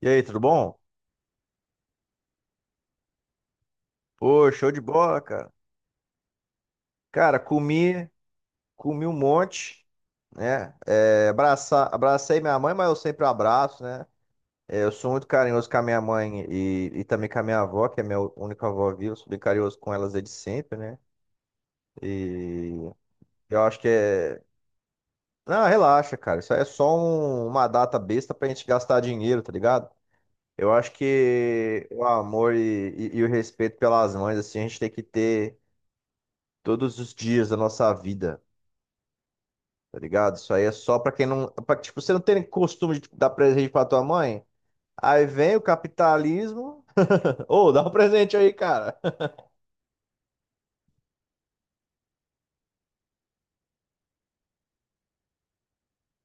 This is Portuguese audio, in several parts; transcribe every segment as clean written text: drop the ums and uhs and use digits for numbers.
E aí, tudo bom? Pô, show de bola, cara. Cara, comi um monte, né? Abracei minha mãe, mas eu sempre abraço, né? É, eu sou muito carinhoso com a minha mãe e também com a minha avó, que é minha única avó viva. Eu sou bem carinhoso com elas desde sempre, né? E eu acho que é. Não, relaxa, cara. Isso aí é só uma data besta pra gente gastar dinheiro, tá ligado? Eu acho que o amor e o respeito pelas mães, assim, a gente tem que ter todos os dias da nossa vida. Tá ligado? Isso aí é só pra quem não. Pra, tipo, você não tem costume de dar presente pra tua mãe. Aí vem o capitalismo. Ô, dá um presente aí, cara.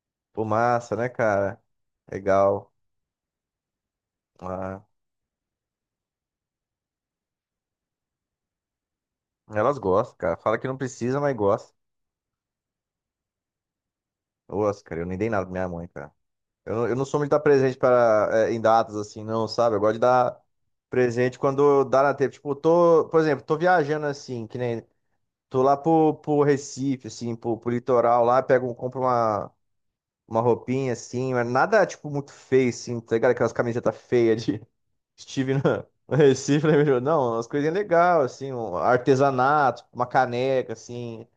Pô, massa, né, cara? Legal. Ah, elas gostam, cara. Fala que não precisa, mas gosta. Nossa, cara, eu nem dei nada pra minha mãe, cara. Eu não sou muito de dar presente para, em datas assim, não, sabe? Eu gosto de dar presente quando dá na tempo. Tipo, tô, por exemplo, tô viajando assim, que nem. Tô lá pro Recife, assim, pro litoral lá, pego, compro uma roupinha assim, mas nada tipo muito feio, assim, tá ligado? Aquelas camisetas feias de estive no Recife, né? meu? Não, umas coisinhas legais, assim, um artesanato, uma caneca, assim.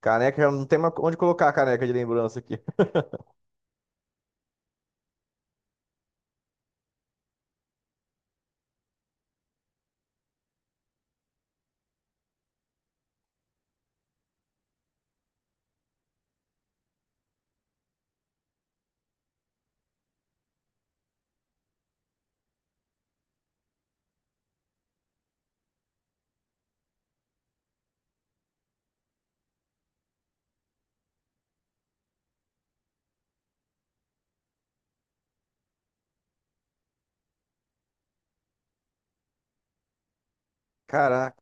Caneca, eu não tem mais onde colocar a caneca de lembrança aqui. Caraca,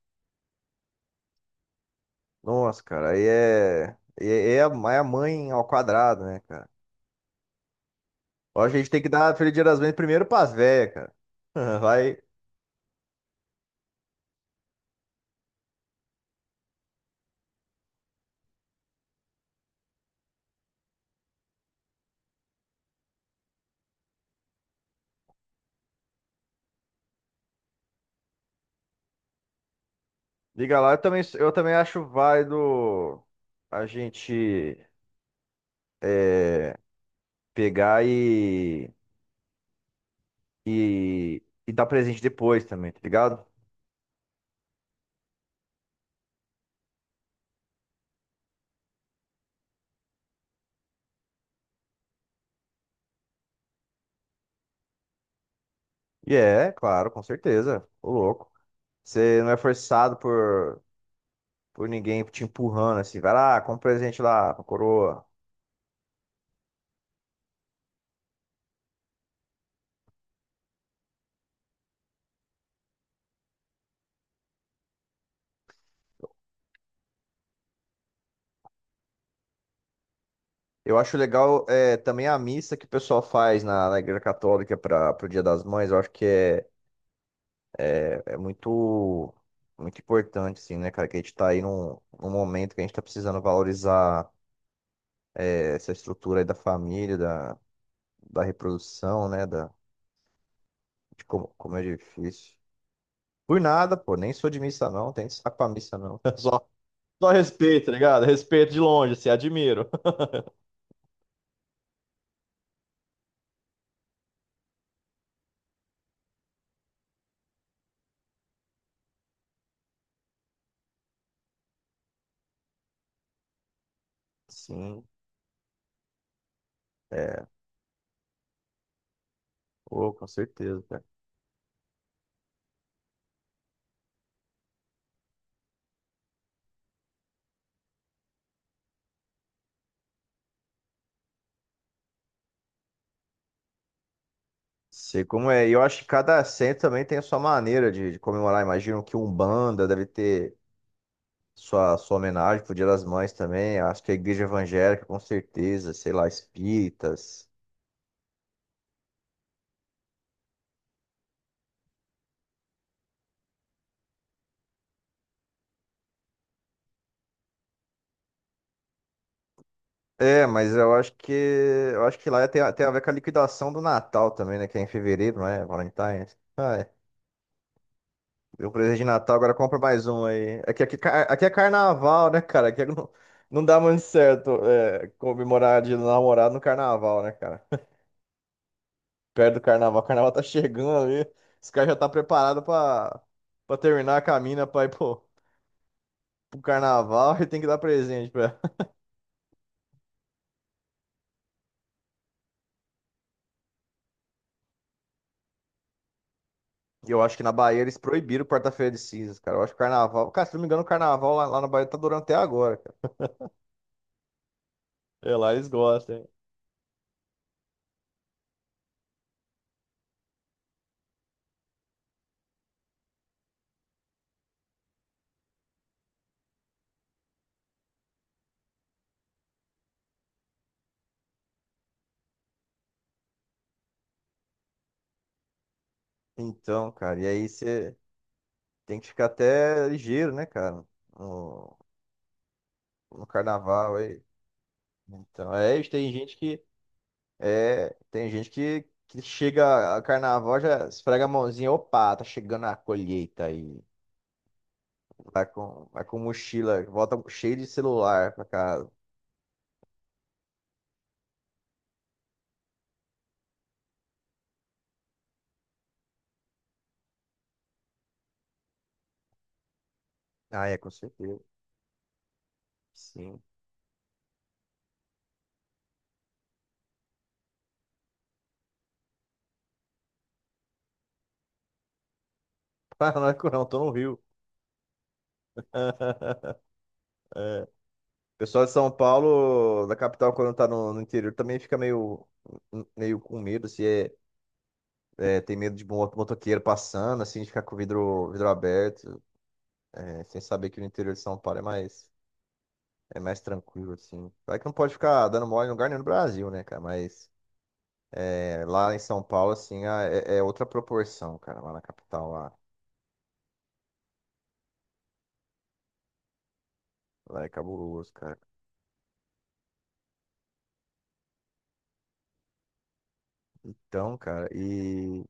nossa, cara, aí é. É, é a aí é a mãe ao quadrado, né, cara? Ó, a gente tem que dar Feliz Dia das Mães primeiro pras velhas, cara. Vai, liga lá. Eu também acho válido a gente é, pegar e dar presente depois também, tá ligado? E é, claro, com certeza. Ô louco. Você não é forçado por ninguém te empurrando assim, vai lá, compra um presente lá pra coroa. Eu acho legal é, também a missa que o pessoal faz na Igreja Católica para o Dia das Mães. Eu acho que é, é, muito importante, assim, né, cara? Que a gente tá aí num momento que a gente tá precisando valorizar é, essa estrutura aí da família, da reprodução, né? Da, de como, como é difícil. Por nada, pô, nem sou de missa não, tem saco pra missa não. Só, só respeito, tá ligado? Respeito de longe, assim, admiro. Sim, é, pô, com certeza, cara. Sei como é. E eu acho que cada centro também tem a sua maneira de comemorar. Imagino que Umbanda deve ter sua homenagem pro Dia das Mães também. Acho que a igreja evangélica, com certeza, sei lá, espíritas. É, mas eu acho que lá tem, tem a ver com a liquidação do Natal também, né? Que é em fevereiro, não é? Valentine's. Ah, é. Deu um presente de Natal, agora compra mais um aí. Aqui é carnaval, né, cara? Aqui não, não dá muito certo é, comemorar de namorado no carnaval, né, cara? Perto do carnaval, o carnaval tá chegando ali. Os caras já tá preparado pra terminar a caminha pra ir pro carnaval e tem que dar presente pra ela. E eu acho que na Bahia eles proibiram quarta-feira de cinzas, cara. Eu acho que o carnaval. Cara, se não me engano, o carnaval lá na Bahia tá durando até agora, cara. É, lá eles gostam, hein? Então, cara, e aí você tem que ficar até ligeiro, né, cara? No- no carnaval aí. Então, é, isso, tem gente que é, tem gente que chega a carnaval já esfrega a mãozinha, opa, tá chegando a colheita aí. Vai com mochila, volta cheio de celular pra casa. Ah, é, com certeza. Sim. Paranaco não, tô no Rio. É. O pessoal de São Paulo, da capital, quando tá no interior, também fica meio, meio com medo, se é, é, tem medo de motoqueiro passando, assim, de ficar com o vidro, vidro aberto. Né, sem saber que o interior de São Paulo é mais tranquilo, assim. Claro que não pode ficar dando mole em lugar nenhum no Brasil, né, cara? Mas é, lá em São Paulo, assim, é, é outra proporção, cara, lá na capital, lá. Lá é cabuloso, cara. Então, cara, e...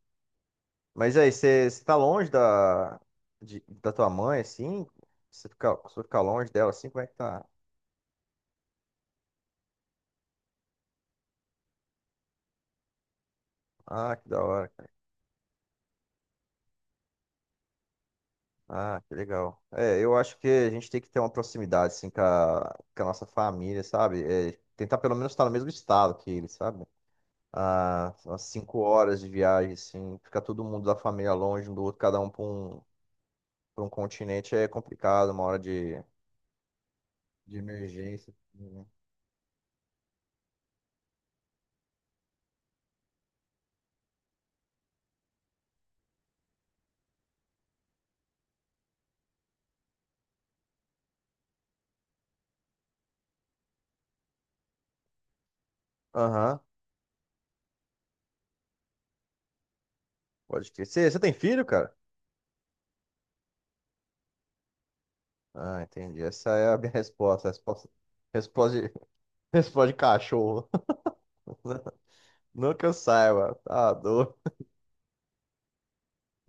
Mas aí, você tá longe da tua mãe, assim? Você fica longe dela, assim? Como é que tá? Ah, que da hora, cara. Ah, que legal. É, eu acho que a gente tem que ter uma proximidade, assim, com a nossa família, sabe? É, tentar pelo menos estar no mesmo estado que eles, sabe? A umas 5 horas de viagem, assim, ficar todo mundo da família longe um do outro, cada um para um, para um continente é complicado, uma hora de emergência. Assim, né? Aham, pode crer. Você tem filho, cara? Ah, entendi. Essa é a minha resposta. Resposta, resposta, de, resposta de cachorro. Não que eu saiba, tá doido.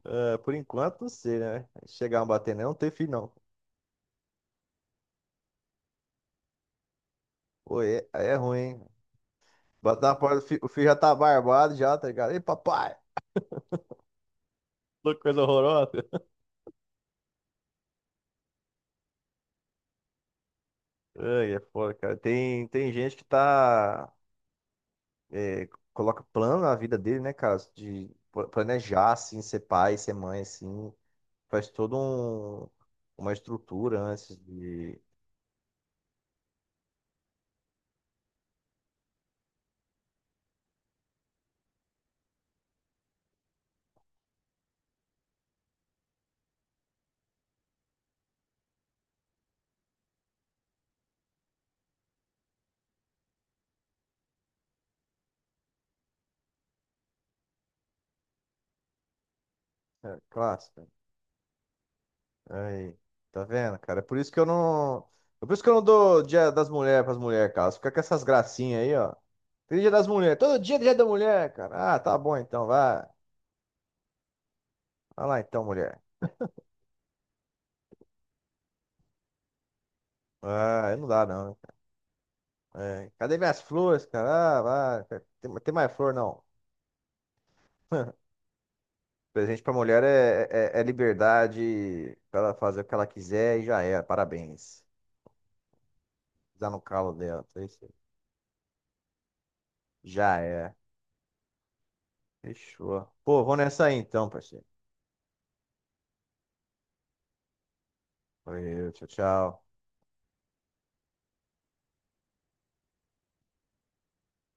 É, por enquanto, não sei, né? Chegar a bater, não, não tem filho, não. Pô, é, aí é ruim, hein? Bater na porta, o filho já tá barbado, já, tá ligado? Ei, papai! Que coisa horrorosa. Ai, é foda, cara. Tem, tem gente que tá. é, coloca plano na vida dele, né, cara? De planejar, assim, ser pai, ser mãe, assim. Faz toda um, uma estrutura antes de. É, clássica. Aí, tá vendo, cara? É por isso que eu não. É por isso que eu não dou dia das mulheres pras mulheres, cara. Fica com essas gracinhas aí, ó. Tem dia das mulheres. Todo dia é dia da mulher, cara. Ah, tá bom então, vai. Vai lá então, mulher. Ah, aí não dá, não. É, cadê minhas flores, cara? Ah, vai, tem, tem mais flor, não. Presente pra mulher é, é, é liberdade pra ela fazer o que ela quiser e já é. Parabéns. Dá no calo dela. Tá isso aí. Já é. Fechou. Pô, vou nessa aí então, parceiro. Valeu, tchau, tchau.